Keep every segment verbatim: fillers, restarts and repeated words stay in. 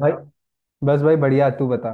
भाई। बस भाई बढ़िया, तू बता।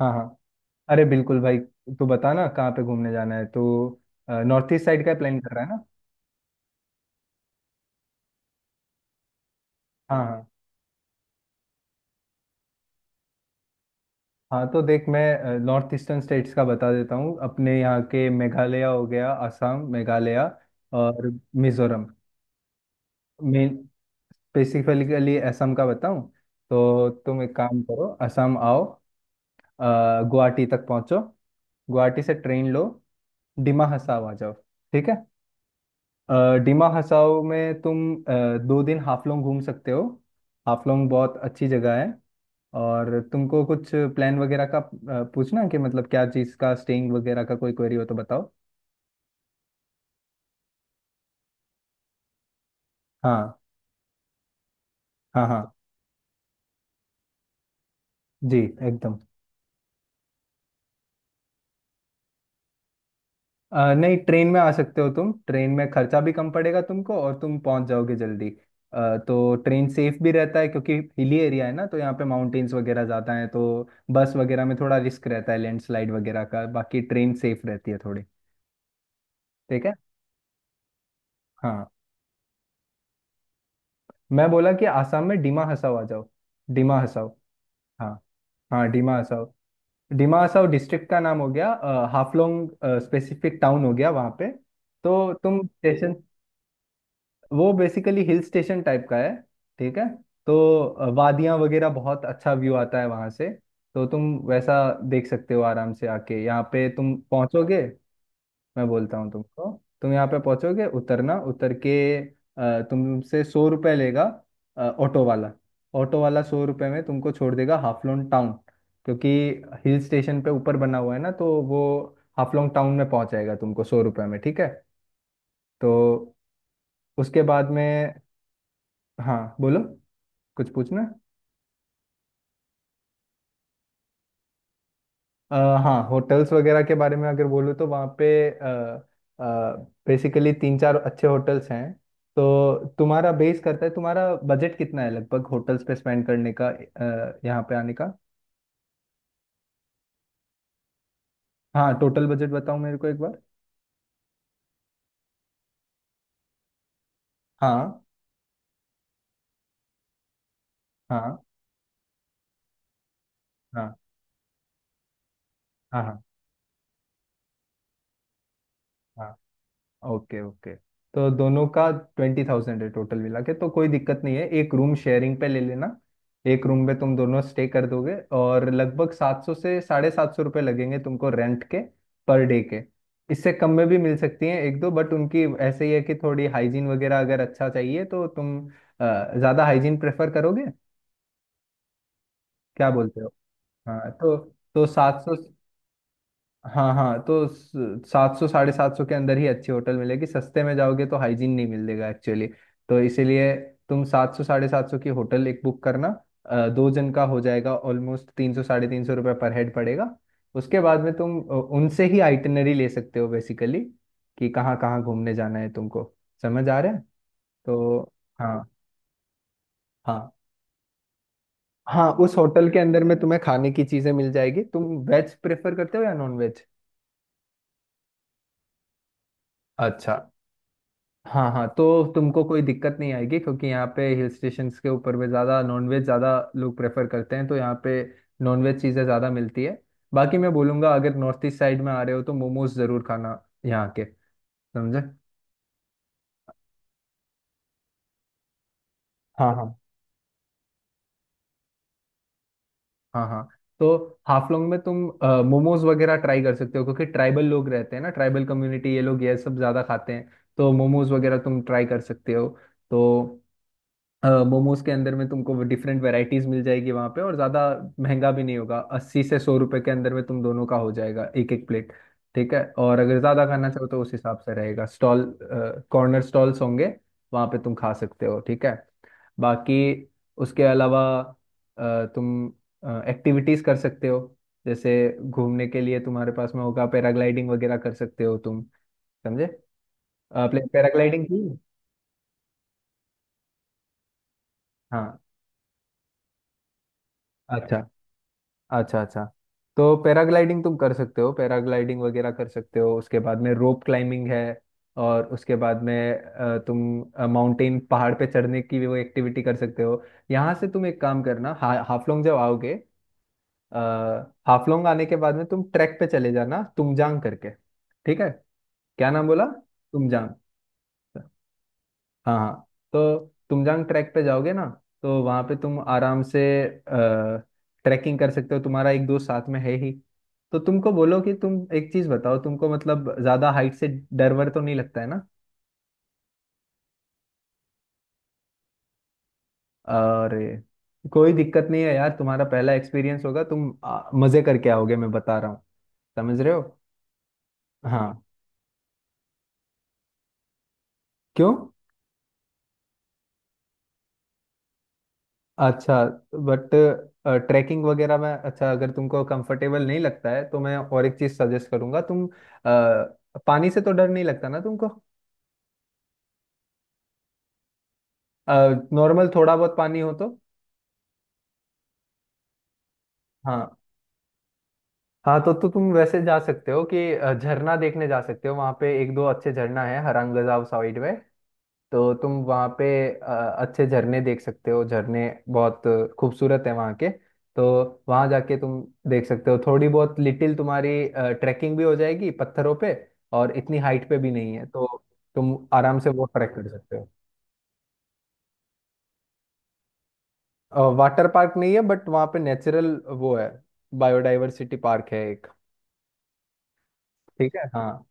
हाँ हाँ, अरे बिल्कुल भाई। तू बता ना, कहाँ पे घूमने जाना है? तो नॉर्थ ईस्ट साइड का प्लान कर रहा है ना? हाँ हाँ। हाँ तो देख, मैं नॉर्थ ईस्टर्न स्टेट्स का बता देता हूँ। अपने यहाँ के मेघालय हो गया, असम, मेघालय और मिजोरम। मैं स्पेसिफिकली असम का बताऊँ तो तुम एक काम करो, असम आओ। अ, गुवाहाटी तक पहुँचो। गुवाहाटी से ट्रेन लो, डिमा हसाव आ जाओ। ठीक है। अ, डिमा हसाओ में तुम अ, दो दिन हाफलोंग घूम सकते हो। हाफलोंग बहुत अच्छी जगह है। और तुमको कुछ प्लान वगैरह का अ, पूछना है कि मतलब क्या चीज़ का स्टेइंग वगैरह का कोई क्वेरी हो तो बताओ। हाँ हाँ हाँ जी, एकदम। अ, नहीं, ट्रेन में आ सकते हो तुम। ट्रेन में खर्चा भी कम पड़ेगा तुमको और तुम पहुंच जाओगे जल्दी। अ, तो ट्रेन सेफ भी रहता है क्योंकि हिली एरिया है ना, तो यहाँ पे माउंटेन्स वगैरह ज़्यादा हैं, तो बस वगैरह में थोड़ा रिस्क रहता है लैंडस्लाइड वगैरह का। बाकी ट्रेन सेफ रहती है थोड़ी। ठीक है। हाँ मैं बोला कि आसाम में डिमा हसाओ आ जाओ, डिमा हसाओ। हाँ हाँ, डिमा हसाओ। डिमा हसाओ डिस्ट्रिक्ट का नाम हो गया, अ, हाफलोंग स्पेसिफिक टाउन हो गया वहाँ पे। तो तुम जी स्टेशन। वो बेसिकली हिल स्टेशन टाइप का है। ठीक है। तो वादियां वगैरह, बहुत अच्छा व्यू आता है वहां से। तो तुम वैसा देख सकते हो आराम से। आके यहाँ पे तुम पहुंचोगे। मैं बोलता हूँ तुमको, तुम यहाँ पे पहुंचोगे, उतरना। उतर के अ, तुमसे सौ रुपये लेगा अ, ऑटो वाला। ऑटो वाला सौ रुपये में तुमको छोड़ देगा हाफलोंग टाउन, क्योंकि हिल स्टेशन पे ऊपर बना हुआ है ना, तो वो हाफलोंग टाउन में पहुंचाएगा तुमको सौ रुपये में। ठीक है। तो उसके बाद में हाँ बोलो, कुछ पूछना है? अ, हाँ, होटल्स वगैरह के बारे में अगर बोलूँ तो वहाँ पे बेसिकली तीन चार अच्छे होटल्स हैं। तो तुम्हारा बेस करता है तुम्हारा बजट कितना है लगभग होटल्स पे स्पेंड करने का, अ, यहाँ पे आने का। हाँ टोटल बजट बताओ मेरे को एक बार। हाँ हाँ हाँ हाँ हाँ हाँ। Okay okay. तो दोनों का ट्वेंटी थाउजेंड है टोटल मिला के, तो कोई दिक्कत नहीं है। एक रूम शेयरिंग पे ले लेना। एक रूम में तुम दोनों स्टे कर दोगे और लगभग सात सौ से साढ़े सात सौ रुपये लगेंगे तुमको रेंट के, पर डे के। इससे कम में भी मिल सकती हैं एक दो, बट उनकी ऐसे ही है कि थोड़ी हाइजीन वगैरह अगर अच्छा चाहिए तो तुम अ, ज़्यादा हाइजीन प्रेफर करोगे, क्या बोलते हो? हाँ तो तो सात सौ। हाँ हाँ, तो सात सौ साढ़े सात सौ के अंदर ही अच्छी होटल मिलेगी। सस्ते में जाओगे तो हाइजीन नहीं मिलेगा एक्चुअली। तो इसीलिए तुम सात सौ साढ़े सात सौ की होटल एक बुक करना। अ, दो जन का हो जाएगा ऑलमोस्ट, तीन सौ साढ़े तीन सौ रुपये पर हेड पड़ेगा। उसके बाद में तुम अ, उनसे ही आइटनरी ले सकते हो बेसिकली, कि कहाँ कहाँ घूमने जाना है तुमको। समझ आ रहा है? तो हाँ। हाँ, हाँ उस होटल के अंदर में तुम्हें खाने की चीज़ें मिल जाएगी। तुम वेज प्रेफर करते हो या नॉन वेज? अच्छा। हाँ हाँ, तो तुमको कोई दिक्कत नहीं आएगी, क्योंकि यहाँ पे हिल स्टेशंस के ऊपर भी ज़्यादा नॉनवेज, ज़्यादा लोग प्रेफर करते हैं, तो यहाँ पे नॉनवेज चीज़ें ज़्यादा मिलती है। बाकी मैं बोलूँगा अगर नॉर्थ ईस्ट साइड में आ रहे हो तो मोमोज ज़रूर खाना यहाँ के। समझे? हाँ हाँ हाँ हाँ। तो हाफलोंग में तुम मोमोज वगैरह ट्राई कर सकते हो, क्योंकि ट्राइबल लोग रहते हैं ना, ट्राइबल कम्युनिटी। ये लोग ये सब ज़्यादा खाते हैं, तो मोमोज वगैरह तुम ट्राई कर सकते हो। तो मोमोज के अंदर में तुमको डिफरेंट वेराइटीज मिल जाएगी वहां पे, और ज्यादा महंगा भी नहीं होगा। अस्सी से सौ रुपए के अंदर में तुम दोनों का हो जाएगा एक एक प्लेट। ठीक है, और अगर ज्यादा खाना चाहो तो उस हिसाब से रहेगा। स्टॉल कॉर्नर स्टॉल्स होंगे वहां पे, तुम खा सकते हो। ठीक है। बाकी उसके अलावा अ, तुम एक्टिविटीज कर सकते हो, जैसे घूमने के लिए तुम्हारे पास में होगा पैराग्लाइडिंग वगैरह, कर सकते हो तुम। समझे? आपने पैराग्लाइडिंग की? हाँ अच्छा, अच्छा अच्छा। तो पैराग्लाइडिंग तुम कर सकते हो, पैराग्लाइडिंग वगैरह कर सकते हो। उसके बाद में रोप क्लाइंबिंग है, और उसके बाद में अ, तुम माउंटेन, पहाड़ पे चढ़ने की भी वो एक्टिविटी कर सकते हो। यहाँ से तुम एक काम करना, हा, हाफलोंग जब आओगे, अ, हाफलोंग आने के बाद में तुम ट्रैक पे चले जाना तुमजांग करके। ठीक है? क्या नाम बोला? तुमजांग। हाँ हाँ, तो तुमजांग ट्रैक पे जाओगे ना, तो वहाँ पे तुम आराम से ट्रैकिंग कर सकते हो। तुम्हारा एक दोस्त साथ में है ही। तो तुमको बोलो कि तुम एक चीज बताओ, तुमको मतलब ज्यादा हाइट से डर वर तो नहीं लगता है ना? और कोई दिक्कत नहीं है यार, तुम्हारा पहला एक्सपीरियंस होगा। तुम आ, मजे करके आओगे, मैं बता रहा हूँ। समझ रहे हो? हाँ। क्यों? अच्छा। बट ट्रैकिंग वगैरह में अच्छा, अगर तुमको कंफर्टेबल नहीं लगता है तो मैं और एक चीज सजेस्ट करूंगा। तुम अ, पानी से तो डर नहीं लगता ना तुमको? नॉर्मल थोड़ा बहुत पानी हो तो। हाँ हाँ, तो तो तुम वैसे जा सकते हो कि अ, झरना देखने जा सकते हो। वहाँ पे एक दो अच्छे झरना है हरंगजाव साइड में। तो तुम वहाँ पे अ, अच्छे झरने देख सकते हो। झरने बहुत खूबसूरत है वहाँ के। तो वहाँ जाके तुम देख सकते हो। थोड़ी बहुत लिटिल तुम्हारी ट्रैकिंग भी हो जाएगी पत्थरों पे, और इतनी हाइट पे भी नहीं है, तो तुम आराम से वो ट्रैक कर सकते हो। वाटर पार्क नहीं है, बट वहाँ पे नेचुरल वो है, बायोडाइवर्सिटी पार्क है एक। ठीक है हाँ।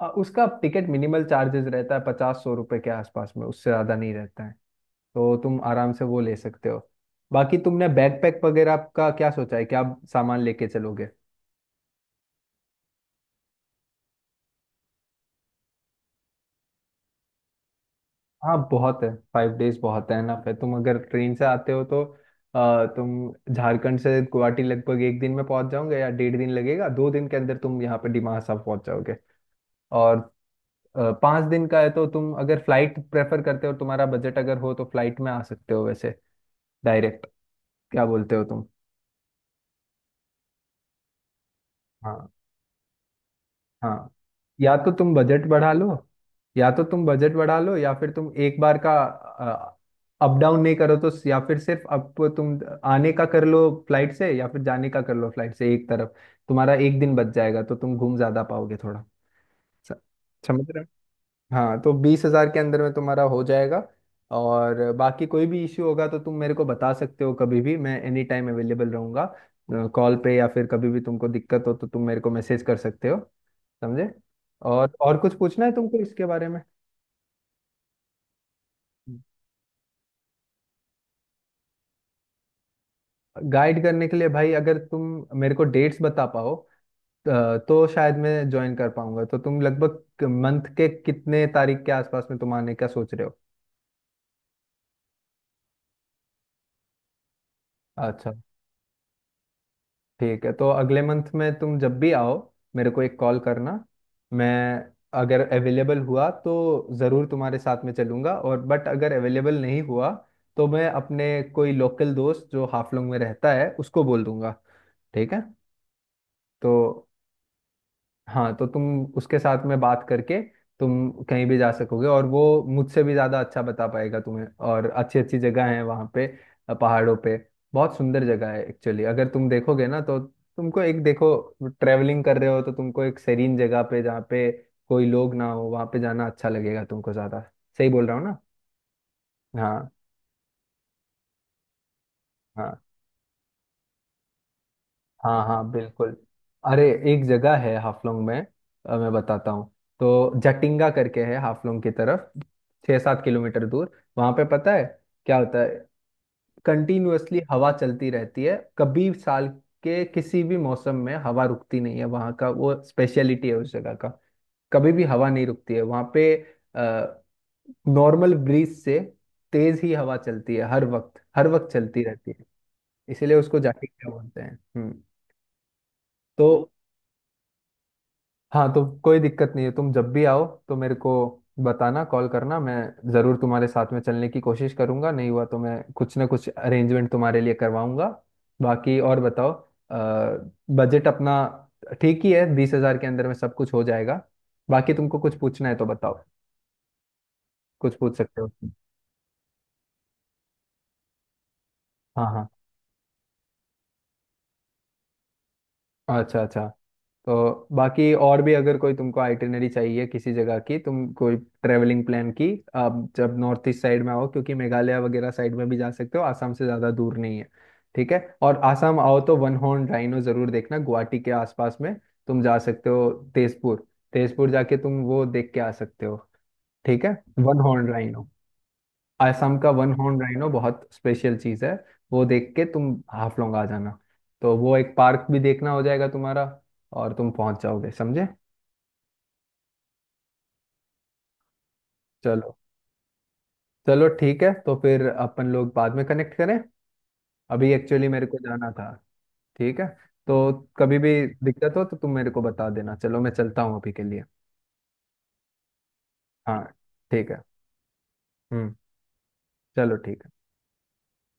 अ, उसका टिकट मिनिमल चार्जेस रहता है, पचास सौ रुपए के आसपास में, उससे ज़्यादा नहीं रहता है। तो तुम आराम से वो ले सकते हो। बाकी तुमने बैकपैक वगैरह का क्या सोचा है क्या, सामान लेके चलोगे? हाँ बहुत है, फाइव डेज बहुत है ना। फिर तुम अगर ट्रेन से आते हो तो अ, तुम झारखंड से गुवाहाटी लगभग एक दिन में पहुंच जाओगे, या डेढ़ दिन लगेगा। दो दिन के अंदर तुम यहाँ पे डिमासा साहब पहुंच जाओगे। और अ, पाँच दिन का है, तो तुम अगर फ्लाइट प्रेफर करते हो, तुम्हारा बजट अगर हो तो फ्लाइट में आ सकते हो वैसे, डायरेक्ट। क्या बोलते हो तुम? हाँ। हाँ या तो तुम बजट बढ़ा लो, या तो तुम बजट बढ़ा लो या फिर तुम एक बार का अप डाउन नहीं करो तो, या फिर सिर्फ अप तुम आने का कर लो फ्लाइट से, या फिर जाने का कर लो फ्लाइट से एक तरफ। तुम्हारा एक दिन बच जाएगा, तो तुम घूम ज्यादा पाओगे थोड़ा। स- समझ रहे हो? हाँ, तो बीस हजार के अंदर में तुम्हारा हो जाएगा। और बाकी कोई भी इश्यू होगा तो तुम मेरे को बता सकते हो कभी भी, मैं एनी टाइम अवेलेबल रहूंगा कॉल पे, या फिर कभी भी तुमको दिक्कत हो तो तुम मेरे को मैसेज कर सकते हो। समझे? और और कुछ पूछना है तुमको इसके बारे में? गाइड करने के लिए भाई, अगर तुम मेरे को डेट्स बता पाओ अ, तो शायद मैं ज्वाइन कर पाऊंगा। तो तुम लगभग मंथ के कितने तारीख के आसपास में तुम आने का सोच रहे हो? अच्छा। ठीक है, तो अगले मंथ में तुम जब भी आओ, मेरे को एक कॉल करना। मैं अगर अवेलेबल हुआ तो ज़रूर तुम्हारे साथ में चलूंगा, और बट अगर अवेलेबल नहीं हुआ तो मैं अपने कोई लोकल दोस्त जो हाफलोंग में रहता है, उसको बोल दूंगा। ठीक है? तो हाँ, तो तुम उसके साथ में बात करके तुम कहीं भी जा सकोगे, और वो मुझसे भी ज़्यादा अच्छा बता पाएगा तुम्हें, और अच्छी अच्छी जगह है वहाँ पे, अ, पहाड़ों पे बहुत सुंदर जगह है एक्चुअली। अगर तुम देखोगे ना तो तुमको, एक देखो, ट्रैवलिंग कर रहे हो तो तुमको एक सेरीन जगह पे जहाँ पे कोई लोग ना हो, वहाँ पे जाना अच्छा लगेगा तुमको ज़्यादा। सही बोल रहा हूँ ना? हाँ हाँ हाँ हाँ, बिल्कुल। अरे एक जगह है हाफलोंग में, अ, मैं बताता हूँ। तो जटिंगा करके है हाफलोंग की तरफ, छः सात किलोमीटर दूर। वहाँ पे पता है क्या होता है? कंटिन्यूअसली हवा चलती रहती है। कभी साल के किसी भी मौसम में हवा रुकती नहीं है वहाँ का, वो स्पेशलिटी है उस जगह का। कभी भी हवा नहीं रुकती है वहाँ पे। अ, नॉर्मल ब्रीज से तेज ही हवा चलती है हर वक्त, हर वक्त चलती रहती है। इसीलिए उसको जाकिंगा बोलते हैं। हम्म। तो हाँ, तो कोई दिक्कत नहीं है, तुम जब भी आओ तो मेरे को बताना, कॉल करना। मैं ज़रूर तुम्हारे साथ में चलने की कोशिश करूंगा, नहीं हुआ तो मैं कुछ ना कुछ अरेंजमेंट तुम्हारे लिए करवाऊंगा। बाकी और बताओ, बजट अपना ठीक ही है। बीस हजार के अंदर में सब कुछ हो जाएगा। बाकी तुमको कुछ पूछना है तो बताओ, कुछ पूछ सकते हो। हाँ हाँ, अच्छा अच्छा। तो बाकी और भी अगर कोई तुमको आइटिनरी चाहिए किसी जगह की, तुम कोई ट्रेवलिंग प्लान की, आप जब नॉर्थ ईस्ट साइड में आओ, क्योंकि मेघालय वगैरह साइड में भी जा सकते हो, आसाम से ज़्यादा दूर नहीं है। ठीक है, और आसाम आओ तो वन हॉर्न राइनो ज़रूर देखना। गुवाहाटी के आसपास में तुम जा सकते हो, तेजपुर। तेजपुर जाके तुम वो देख के आ सकते हो। ठीक है। वन हॉर्न राइनो, असम का वन हॉर्न राइनो बहुत स्पेशल चीज है। वो देख के तुम हाफलोंग आ जाना। तो वो एक पार्क भी देखना हो जाएगा तुम्हारा, और तुम पहुंच जाओगे। समझे? चलो। चलो ठीक है, तो फिर अपन लोग बाद में कनेक्ट करें, अभी एक्चुअली मेरे को जाना था। ठीक है। तो कभी भी दिक्कत हो तो तुम मेरे को बता देना, चलो मैं चलता हूँ अभी के लिए। हाँ ठीक है। हम्म। चलो ठीक है।